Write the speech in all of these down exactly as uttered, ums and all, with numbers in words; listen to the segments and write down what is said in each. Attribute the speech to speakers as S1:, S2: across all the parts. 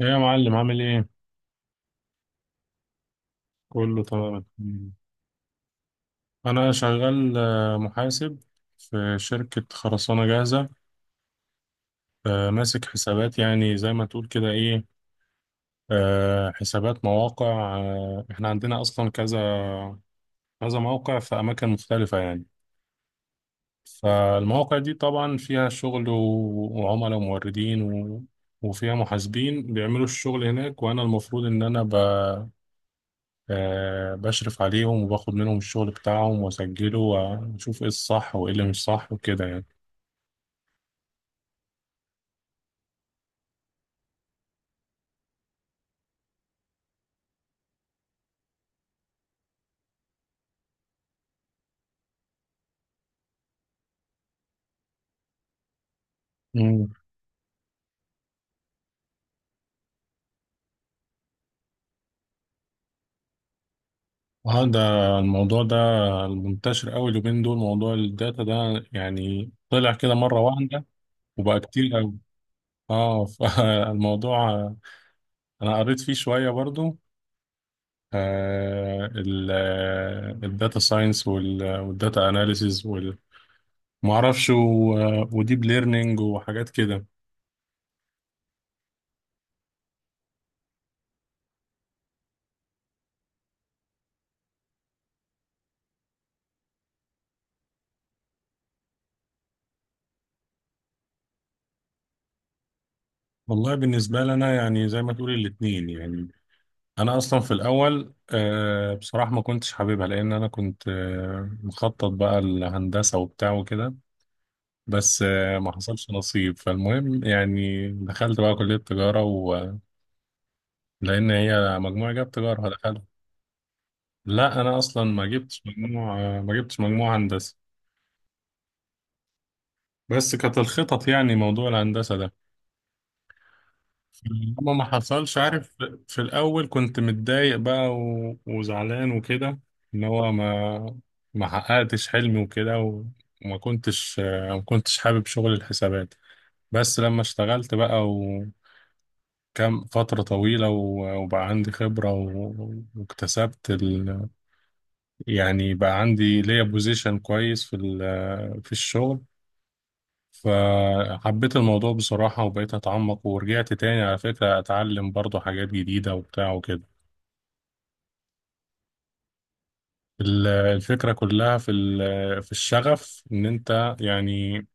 S1: ايه يا معلم، عامل ايه؟ كله تمام. انا شغال، آه، محاسب في شركة خرسانة جاهزة. آه، ماسك حسابات، يعني زي ما تقول كده، ايه. آه، حسابات مواقع. آه، احنا عندنا اصلا كذا كذا موقع في اماكن مختلفة، يعني. فالمواقع دي طبعا فيها شغل و- وعملاء وموردين و- وفيها محاسبين بيعملوا الشغل هناك، وانا المفروض ان انا، آه، بشرف عليهم وباخد منهم الشغل بتاعهم وأسجله وأشوف إيه الصح وإيه اللي مش صح وكده، يعني. مم. اه، ده الموضوع ده المنتشر قوي اليومين دول، موضوع الداتا ده يعني طلع كده مرة واحدة وبقى كتير قوي. اه، فالموضوع انا قريت فيه شوية برضو. آه ال- آه، الداتا ساينس وال- والداتا اناليسيز ومعرفش و- وديب ليرنينج وحاجات كده. والله بالنسبة لنا يعني زي ما تقولي الاتنين، يعني انا اصلا في الاول، آه، بصراحه ما كنتش حاببها، لان انا كنت، آه، مخطط بقى الهندسه وبتاع وكده. بس، آه، ما حصلش نصيب. فالمهم يعني دخلت بقى كليه تجاره، ولان هي مجموعه جاب تجاره دخلت. لا، انا اصلا ما جبتش مجموع، آه، ما جبتش مجموع هندسه. بس كانت الخطط يعني موضوع الهندسه ده ما ما حصلش، عارف. في الأول كنت متضايق بقى و... وزعلان وكده، إن هو ما ما حققتش حلمي وكده، و... وما كنتش آه، ما كنتش حابب شغل الحسابات. بس لما اشتغلت بقى وكم فترة طويلة و... وبقى عندي خبرة و... واكتسبت ال... يعني بقى عندي ليا بوزيشن كويس في ال... في الشغل، فحبيت الموضوع بصراحة وبقيت أتعمق، ورجعت تاني على فكرة أتعلم برضو حاجات جديدة وبتاع وكده. ال- الفكرة كلها في ال- في الشغف، ان انت يعني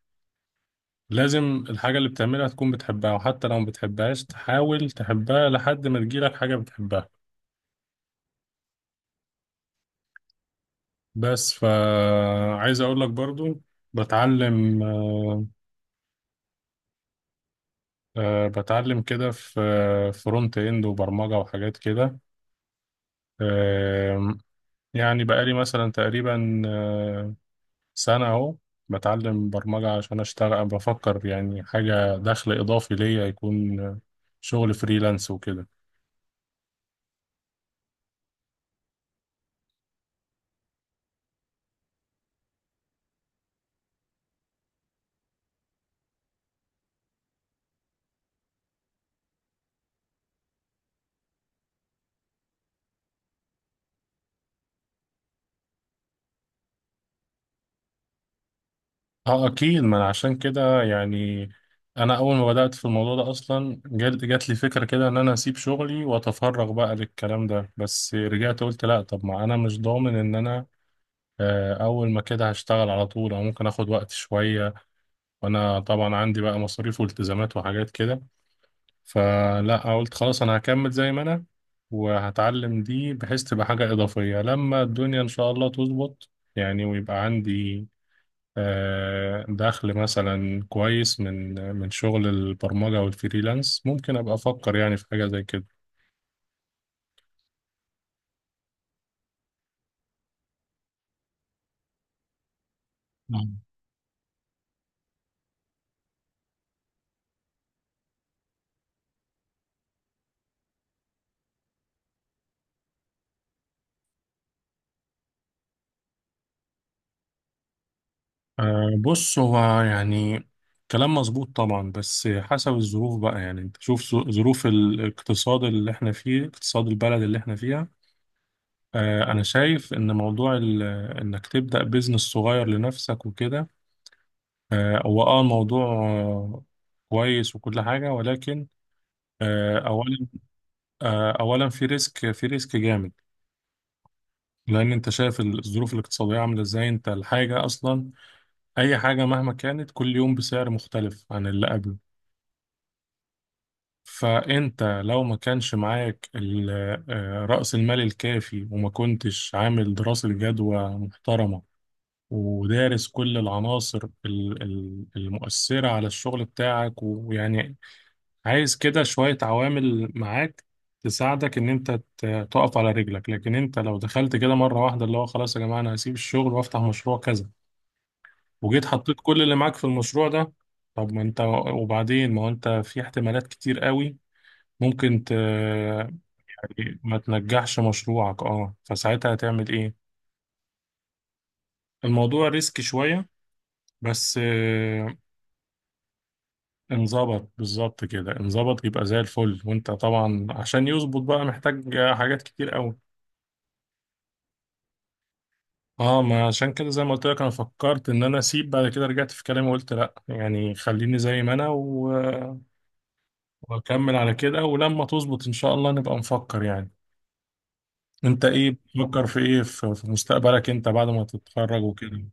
S1: لازم الحاجة اللي بتعملها تكون بتحبها، وحتى لو ما بتحبهاش تحاول تحبها لحد ما تجيلك حاجة بتحبها. بس، فعايز اقول لك برضو، بتعلم، آه، آه، بتعلم كده في فرونت اند وبرمجة وحاجات كده. آه، يعني بقالي مثلا تقريبا، آه، سنة أهو، بتعلم برمجة عشان أشتغل. بفكر يعني حاجة دخل إضافي ليا يكون، شغل فريلانس وكده. أه أكيد. ما أنا عشان كده يعني، أنا أول ما بدأت في الموضوع ده أصلا جات جات لي فكرة كده إن أنا أسيب شغلي وأتفرغ بقى للكلام ده، بس رجعت قلت لأ، طب ما أنا مش ضامن إن أنا، آه، أول ما كده هشتغل على طول، أو ممكن آخد وقت شوية، وأنا طبعا عندي بقى مصاريف والتزامات وحاجات كده. فلا، قلت خلاص انا هكمل زي ما انا، وهتعلم دي بحيث تبقى حاجة إضافية لما الدنيا إن شاء الله تظبط، يعني ويبقى عندي، آه، دخل مثلا كويس من من شغل البرمجة والفريلانس، ممكن أبقى أفكر يعني في حاجة زي كده. نعم. آه، بص هو يعني كلام مظبوط طبعا، بس حسب الظروف بقى. يعني انت شوف ظ- ظروف الاقتصاد اللي احنا فيه، اقتصاد البلد اللي احنا فيها. آه، أنا شايف إن موضوع ال- إنك تبدأ بيزنس صغير لنفسك وكده، آه، هو أه الموضوع، آه، كويس وكل حاجة، ولكن، آه، أولا، آه، أولا في ريسك في ريسك جامد. لأن أنت شايف الظروف الاقتصادية عاملة إزاي. أنت الحاجة أصلا، أي حاجة مهما كانت، كل يوم بسعر مختلف عن اللي قبله. فأنت لو ما كانش معاك ال- آه، رأس المال الكافي، وما كنتش عامل دراسة جدوى محترمة ودارس كل العناصر ال- ال- المؤثرة على الشغل بتاعك، ويعني عايز كده شوية عوامل معاك تساعدك إن أنت ت- تقف على رجلك. لكن أنت لو دخلت كده مرة واحدة، اللي هو خلاص يا جماعة أنا هسيب الشغل وأفتح مشروع كذا، وجيت حطيت كل اللي معاك في المشروع ده، طب ما أنت، وبعدين ما هو أنت في احتمالات كتير قوي، ممكن ت... يعني ما تنجحش مشروعك، اه، فساعتها هتعمل ايه؟ الموضوع ريسك شوية بس. انظبط بالظبط كده، انظبط يبقى زي الفل. وانت طبعا عشان يظبط بقى محتاج حاجات كتير قوي. اه، ما عشان كده زي ما قلت لك انا فكرت ان انا اسيب، بعد كده رجعت في كلامي وقلت لا، يعني خليني زي ما انا، و... واكمل على كده، ولما تظبط ان شاء الله نبقى نفكر، يعني. انت ايه بتفكر في ايه في في مستقبلك انت بعد ما تتخرج وكده؟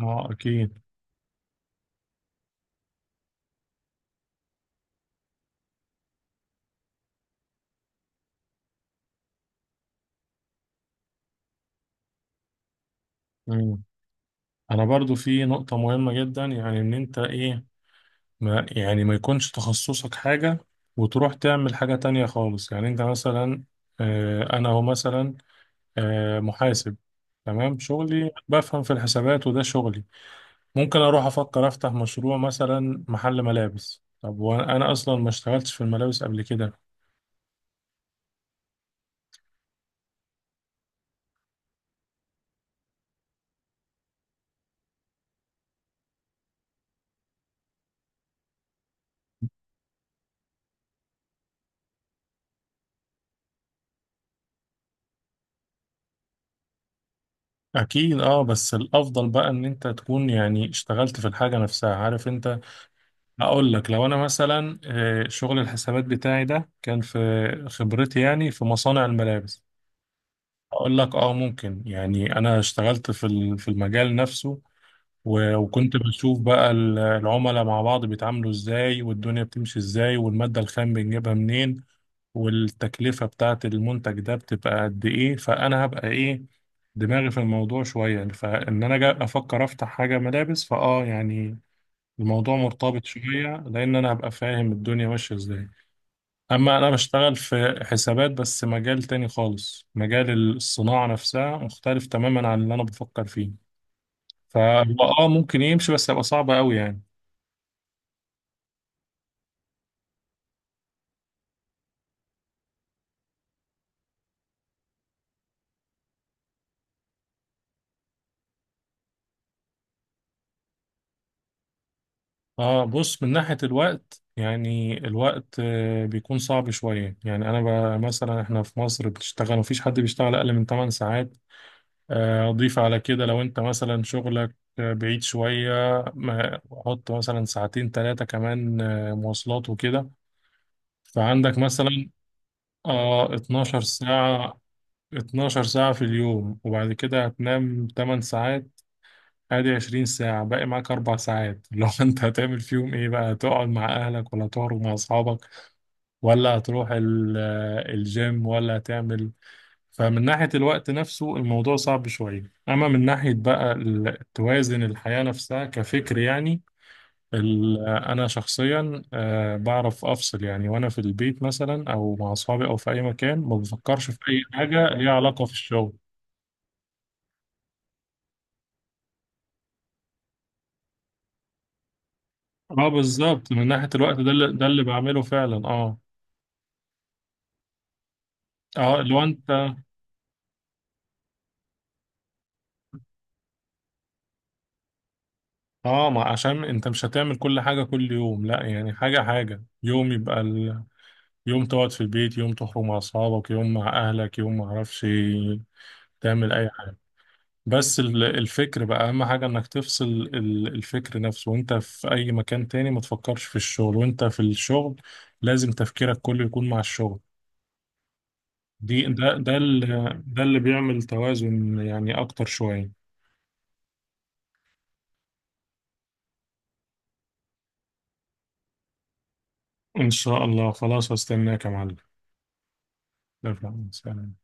S1: اه اكيد. مم. انا برضو في نقطة مهمة جدا، يعني ان انت ايه، ما يعني ما يكونش تخصصك حاجة وتروح تعمل حاجة تانية خالص. يعني انت مثلا، آه، انا هو مثلا، آه، محاسب، تمام، شغلي بفهم في الحسابات وده شغلي. ممكن اروح افكر افتح مشروع مثلا محل ملابس، طب وانا، أنا اصلا ما اشتغلتش في الملابس قبل كده. اكيد، اه. بس الافضل بقى ان انت تكون يعني اشتغلت في الحاجة نفسها، عارف انت. اقول لك لو انا مثلا، آه، شغل الحسابات بتاعي ده كان في خبرتي، يعني في مصانع الملابس، اقول لك اه ممكن، يعني انا اشتغلت في ال- في المجال نفسه، و- وكنت بشوف بقى ال- العملاء مع بعض بيتعاملوا ازاي، والدنيا بتمشي ازاي، والمادة الخام بنجيبها منين، والتكلفة بتاعت المنتج ده بتبقى قد ايه. فانا هبقى ايه، دماغي في الموضوع شوية، فان انا جا افكر افتح حاجة ملابس فاه، يعني الموضوع مرتبط شوية، لان انا هبقى فاهم الدنيا ماشية ازاي. أما أنا بشتغل في حسابات بس مجال تاني خالص، مجال الصناعة نفسها مختلف تماما عن اللي أنا بفكر فيه. فهو، آه ممكن يمشي، بس هيبقى صعب أوي، يعني. آه بص، من ناحية الوقت يعني، الوقت، آه، بيكون صعب شوية. يعني أنا، ب- مثلا إحنا في مصر بتشتغل مفيش حد بيشتغل أقل من 8 ساعات. آه، أضيف على كده لو أنت مثلا شغلك، آه، بعيد شوية، ما- حط مثلا ساعتين تلاتة كمان، آه، مواصلات وكده. فعندك مثلا، اه، 12 ساعة، 12 ساعة في اليوم. وبعد كده هتنام 8 ساعات، ادي 20 ساعة. باقي معاك 4 ساعات لو انت، هتعمل فيهم ايه بقى؟ هتقعد مع اهلك، ولا تخرج مع اصحابك، ولا هتروح ال- الجيم، ولا هتعمل. فمن ناحية الوقت نفسه الموضوع صعب شوية. اما من ناحية بقى ال- توازن الحياة نفسها كفكر، يعني ال- انا شخصيا، آه، بعرف افصل. يعني وانا في البيت مثلا، او مع اصحابي، او في اي مكان، ما بفكرش في اي حاجه ليها علاقه في الشغل. اه بالظبط. من ناحيه الوقت، ده اللي، ده اللي بعمله فعلا اه. اه لو انت، اه، ما عشان انت مش هتعمل كل حاجه كل يوم، لا، يعني حاجه حاجه. يوم يبقى ال... يوم تقعد في البيت، يوم تخرج مع اصحابك، يوم مع اهلك، يوم ما اعرفش، تعمل اي حاجه. بس ال- الفكر بقى اهم حاجة، انك تفصل ال- الفكر نفسه، وانت في اي مكان تاني ما تفكرش في الشغل، وانت في الشغل لازم تفكيرك كله يكون مع الشغل. دي ده ده ال- ده اللي بيعمل توازن، يعني اكتر شوية. ان شاء الله، خلاص هستناك يا معلم. لا، لا، سلام.